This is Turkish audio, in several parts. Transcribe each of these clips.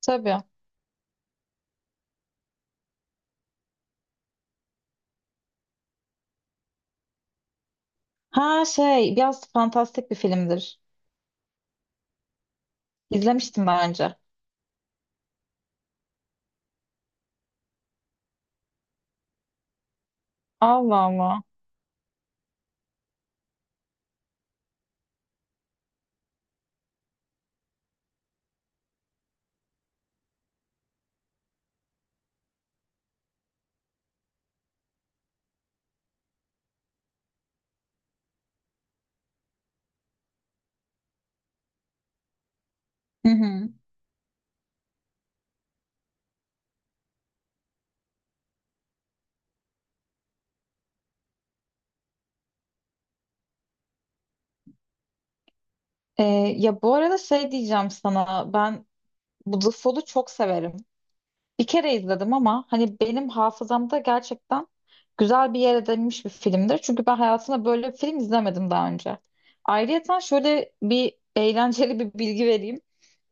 Tabii. Ha şey biraz fantastik bir filmdir. İzlemiştim daha önce. Allah Allah. Hı hı. Ee, Ya bu arada şey diyeceğim sana ben bu The Fall'u çok severim. Bir kere izledim ama hani benim hafızamda gerçekten güzel bir yer edinmiş bir filmdir. Çünkü ben hayatımda böyle bir film izlemedim daha önce. Ayrıca şöyle bir eğlenceli bir bilgi vereyim.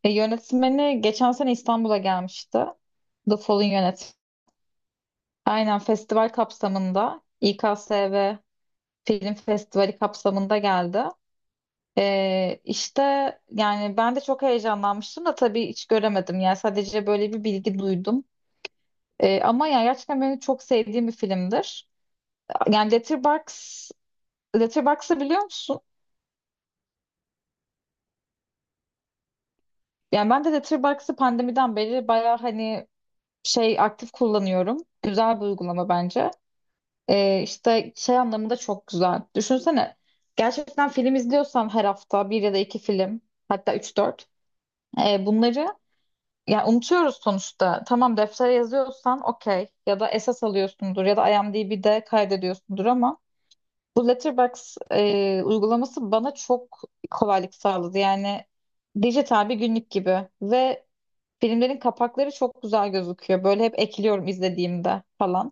Yönetmeni geçen sene İstanbul'a gelmişti. The Fall'un yönetmeni. Aynen festival kapsamında İKSV Film Festivali kapsamında geldi. İşte yani ben de çok heyecanlanmıştım da tabii hiç göremedim. Yani sadece böyle bir bilgi duydum. Ama yani gerçekten benim çok sevdiğim bir filmdir. Yani Letterboxd'ı biliyor musun? Yani ben de Letterboxd'ı pandemiden beri bayağı hani şey aktif kullanıyorum. Güzel bir uygulama bence. İşte şey anlamında çok güzel. Düşünsene gerçekten film izliyorsan her hafta bir ya da iki film hatta üç dört bunları yani unutuyoruz sonuçta. Tamam deftere yazıyorsan okey ya da esas alıyorsundur ya da IMDb'de kaydediyorsundur ama bu Letterboxd uygulaması bana çok kolaylık sağladı. Yani dijital bir günlük gibi ve filmlerin kapakları çok güzel gözüküyor. Böyle hep ekliyorum izlediğimde falan.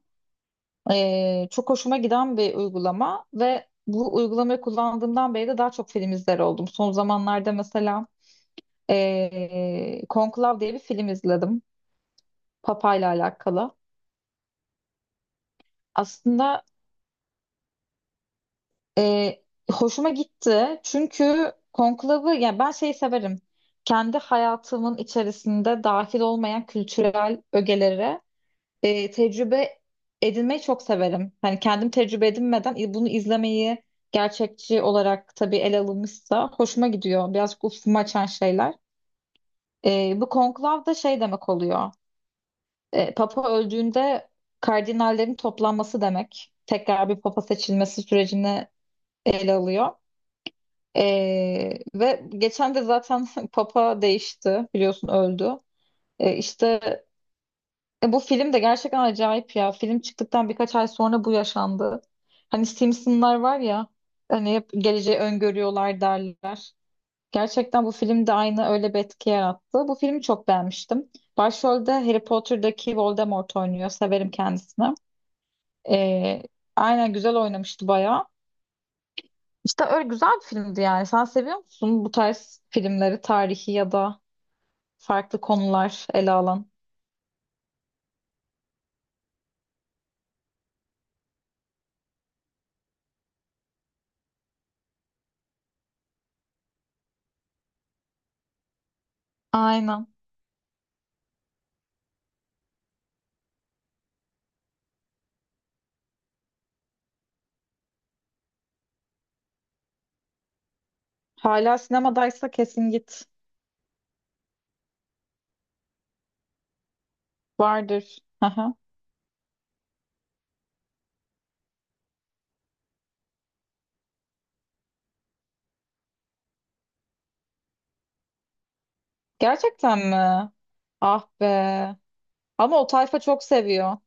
Çok hoşuma giden bir uygulama ve bu uygulamayı kullandığımdan beri de daha çok film izler oldum. Son zamanlarda mesela Conclave diye bir film izledim. Papa ile alakalı. Aslında ee, hoşuma gitti çünkü Conclave'ı yani ben şeyi severim. Kendi hayatımın içerisinde dahil olmayan kültürel ögelere tecrübe edinmeyi çok severim. Hani kendim tecrübe edinmeden bunu izlemeyi gerçekçi olarak tabii ele alınmışsa hoşuma gidiyor. Birazcık ufkumu açan şeyler. E, bu konklav da şey demek oluyor. E, Papa öldüğünde kardinallerin toplanması demek. Tekrar bir papa seçilmesi sürecini ele alıyor. E, Ve geçen de zaten papa değişti biliyorsun öldü. E, işte Bu film de gerçekten acayip ya. Film çıktıktan birkaç ay sonra bu yaşandı. Hani Simpsonlar var ya, hani hep geleceği öngörüyorlar derler. Gerçekten bu film de aynı öyle bir etki yarattı. Bu filmi çok beğenmiştim. Başrolde Harry Potter'daki Voldemort oynuyor. Severim kendisini. E, aynen güzel oynamıştı bayağı. İşte öyle güzel bir filmdi yani. Sen seviyor musun bu tarz filmleri, tarihi ya da farklı konular ele alan? Aynen. Hala sinemadaysa kesin git. Vardır. Aha. Gerçekten mi? Ah be. Ama o tayfa çok seviyor.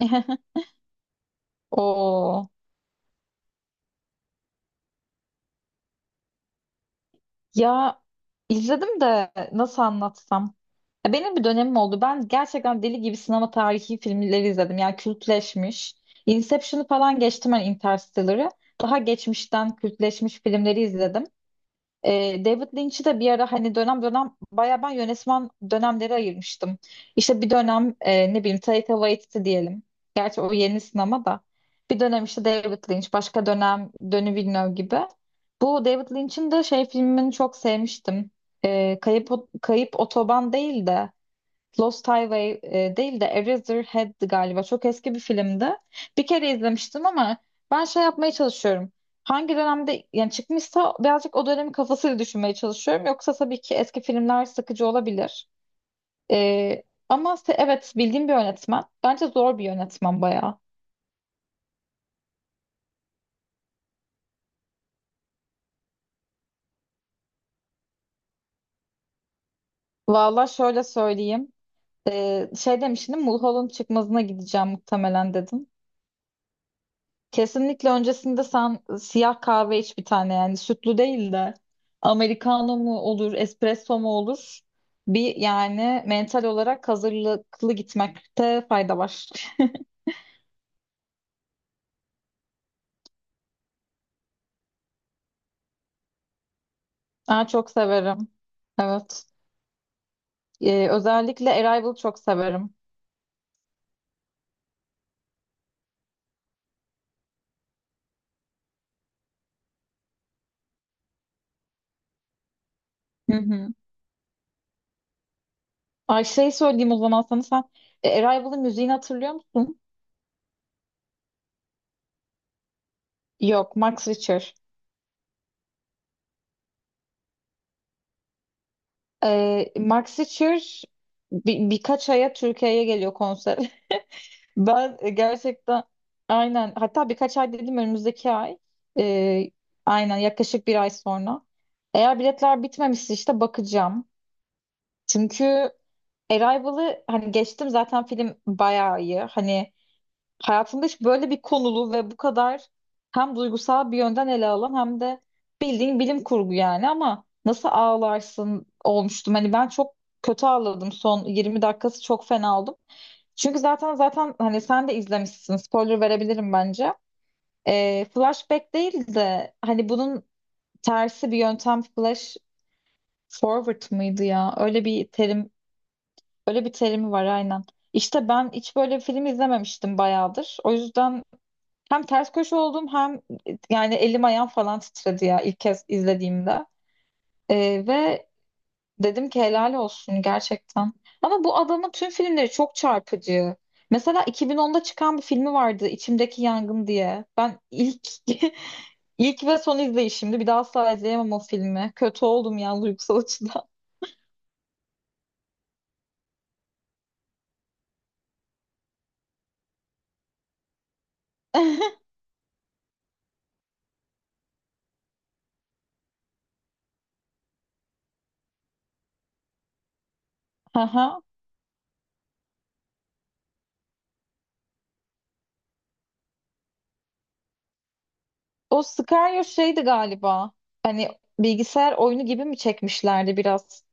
Oo. Ya izledim de nasıl anlatsam. Ya benim bir dönemim oldu. Ben gerçekten deli gibi sinema tarihi filmleri izledim. Yani kültleşmiş. Inception'ı falan geçtim ben Interstellar'ı. Daha geçmişten kültleşmiş filmleri izledim. David Lynch'i de bir ara hani dönem dönem bayağı ben yönetmen dönemleri ayırmıştım. İşte bir dönem ne bileyim Taika Waititi diyelim. Gerçi o yeni sinema da. Bir dönem işte David Lynch, başka dönem Denis Villeneuve gibi. Bu David Lynch'in de şey filmini çok sevmiştim. E, Kayıp, Kayıp Otoban değil de Lost Highway değil de Eraserhead'di galiba. Çok eski bir filmdi. Bir kere izlemiştim ama ben şey yapmaya çalışıyorum. Hangi dönemde yani çıkmışsa birazcık o dönemin kafasıyla düşünmeye çalışıyorum. Yoksa tabii ki eski filmler sıkıcı olabilir. E, ama evet bildiğim bir yönetmen. Bence zor bir yönetmen bayağı. Valla şöyle söyleyeyim. Şey demiştim Mulholland çıkmazına gideceğim muhtemelen dedim. Kesinlikle öncesinde sen siyah kahve iç bir tane yani sütlü değil de americano mu olur, espresso mu olur? Bir yani mental olarak hazırlıklı gitmekte fayda var. Ben çok severim. Evet. Özellikle Arrival çok severim. Hı hı. Ay şey söyleyeyim o zaman sana sen Arrival'ın müziğini hatırlıyor musun? Yok, Max Richter. Max Richter birkaç aya Türkiye'ye geliyor konser. Ben gerçekten aynen hatta birkaç ay dedim önümüzdeki ay. Ee, aynen yaklaşık bir ay sonra. Eğer biletler bitmemişse işte bakacağım. Çünkü Arrival'ı hani geçtim zaten film bayağı iyi. Hani hayatımda hiç böyle bir konulu ve bu kadar hem duygusal bir yönden ele alan hem de bildiğin bilim kurgu yani ama nasıl ağlarsın olmuştum. Hani ben çok kötü ağladım son 20 dakikası çok fena oldum. Çünkü zaten hani sen de izlemişsin spoiler verebilirim bence. Flashback değil de hani bunun tersi bir yöntem flash forward mıydı ya? Öyle bir terimi var aynen. İşte ben hiç böyle bir film izlememiştim bayağıdır. O yüzden hem ters köşe oldum hem yani elim ayağım falan titredi ya ilk kez izlediğimde. Ve dedim ki helal olsun gerçekten. Ama bu adamın tüm filmleri çok çarpıcı. Mesela 2010'da çıkan bir filmi vardı İçimdeki Yangın diye. Ben ilk ilk ve son izleyişimdi. Bir daha asla izleyemem o filmi. Kötü oldum ya duygusal açıdan. Aha. O Sicario şeydi galiba. Hani bilgisayar oyunu gibi mi çekmişlerdi biraz?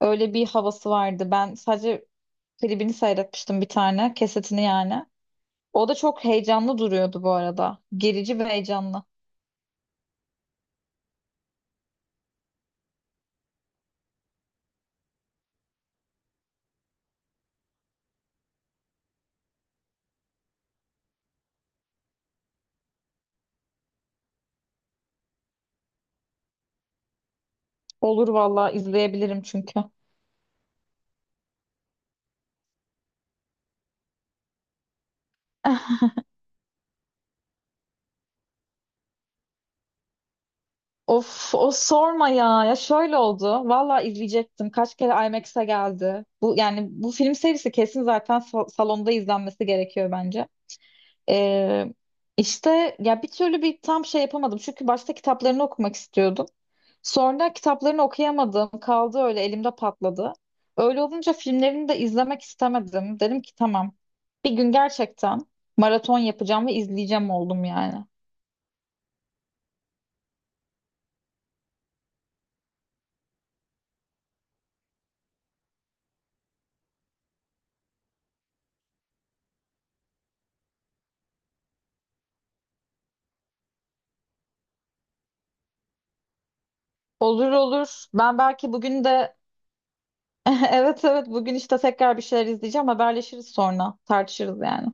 Öyle bir havası vardı. Ben sadece klibini seyretmiştim bir tane. Kesetini yani. O da çok heyecanlı duruyordu bu arada. Gerici ve heyecanlı. Olur valla izleyebilirim çünkü. Of o sorma ya. Ya şöyle oldu. Valla izleyecektim. Kaç kere IMAX'e geldi. Bu yani bu film serisi kesin zaten salonda izlenmesi gerekiyor bence. Ee, işte ya bir türlü bir tam şey yapamadım. Çünkü başta kitaplarını okumak istiyordum. Sonra kitaplarını okuyamadım. Kaldı öyle elimde patladı. Öyle olunca filmlerini de izlemek istemedim. Dedim ki tamam. Bir gün gerçekten maraton yapacağım ve izleyeceğim oldum yani. Olur olur. Ben belki bugün de evet evet bugün işte tekrar bir şeyler izleyeceğim. Haberleşiriz sonra. Tartışırız yani.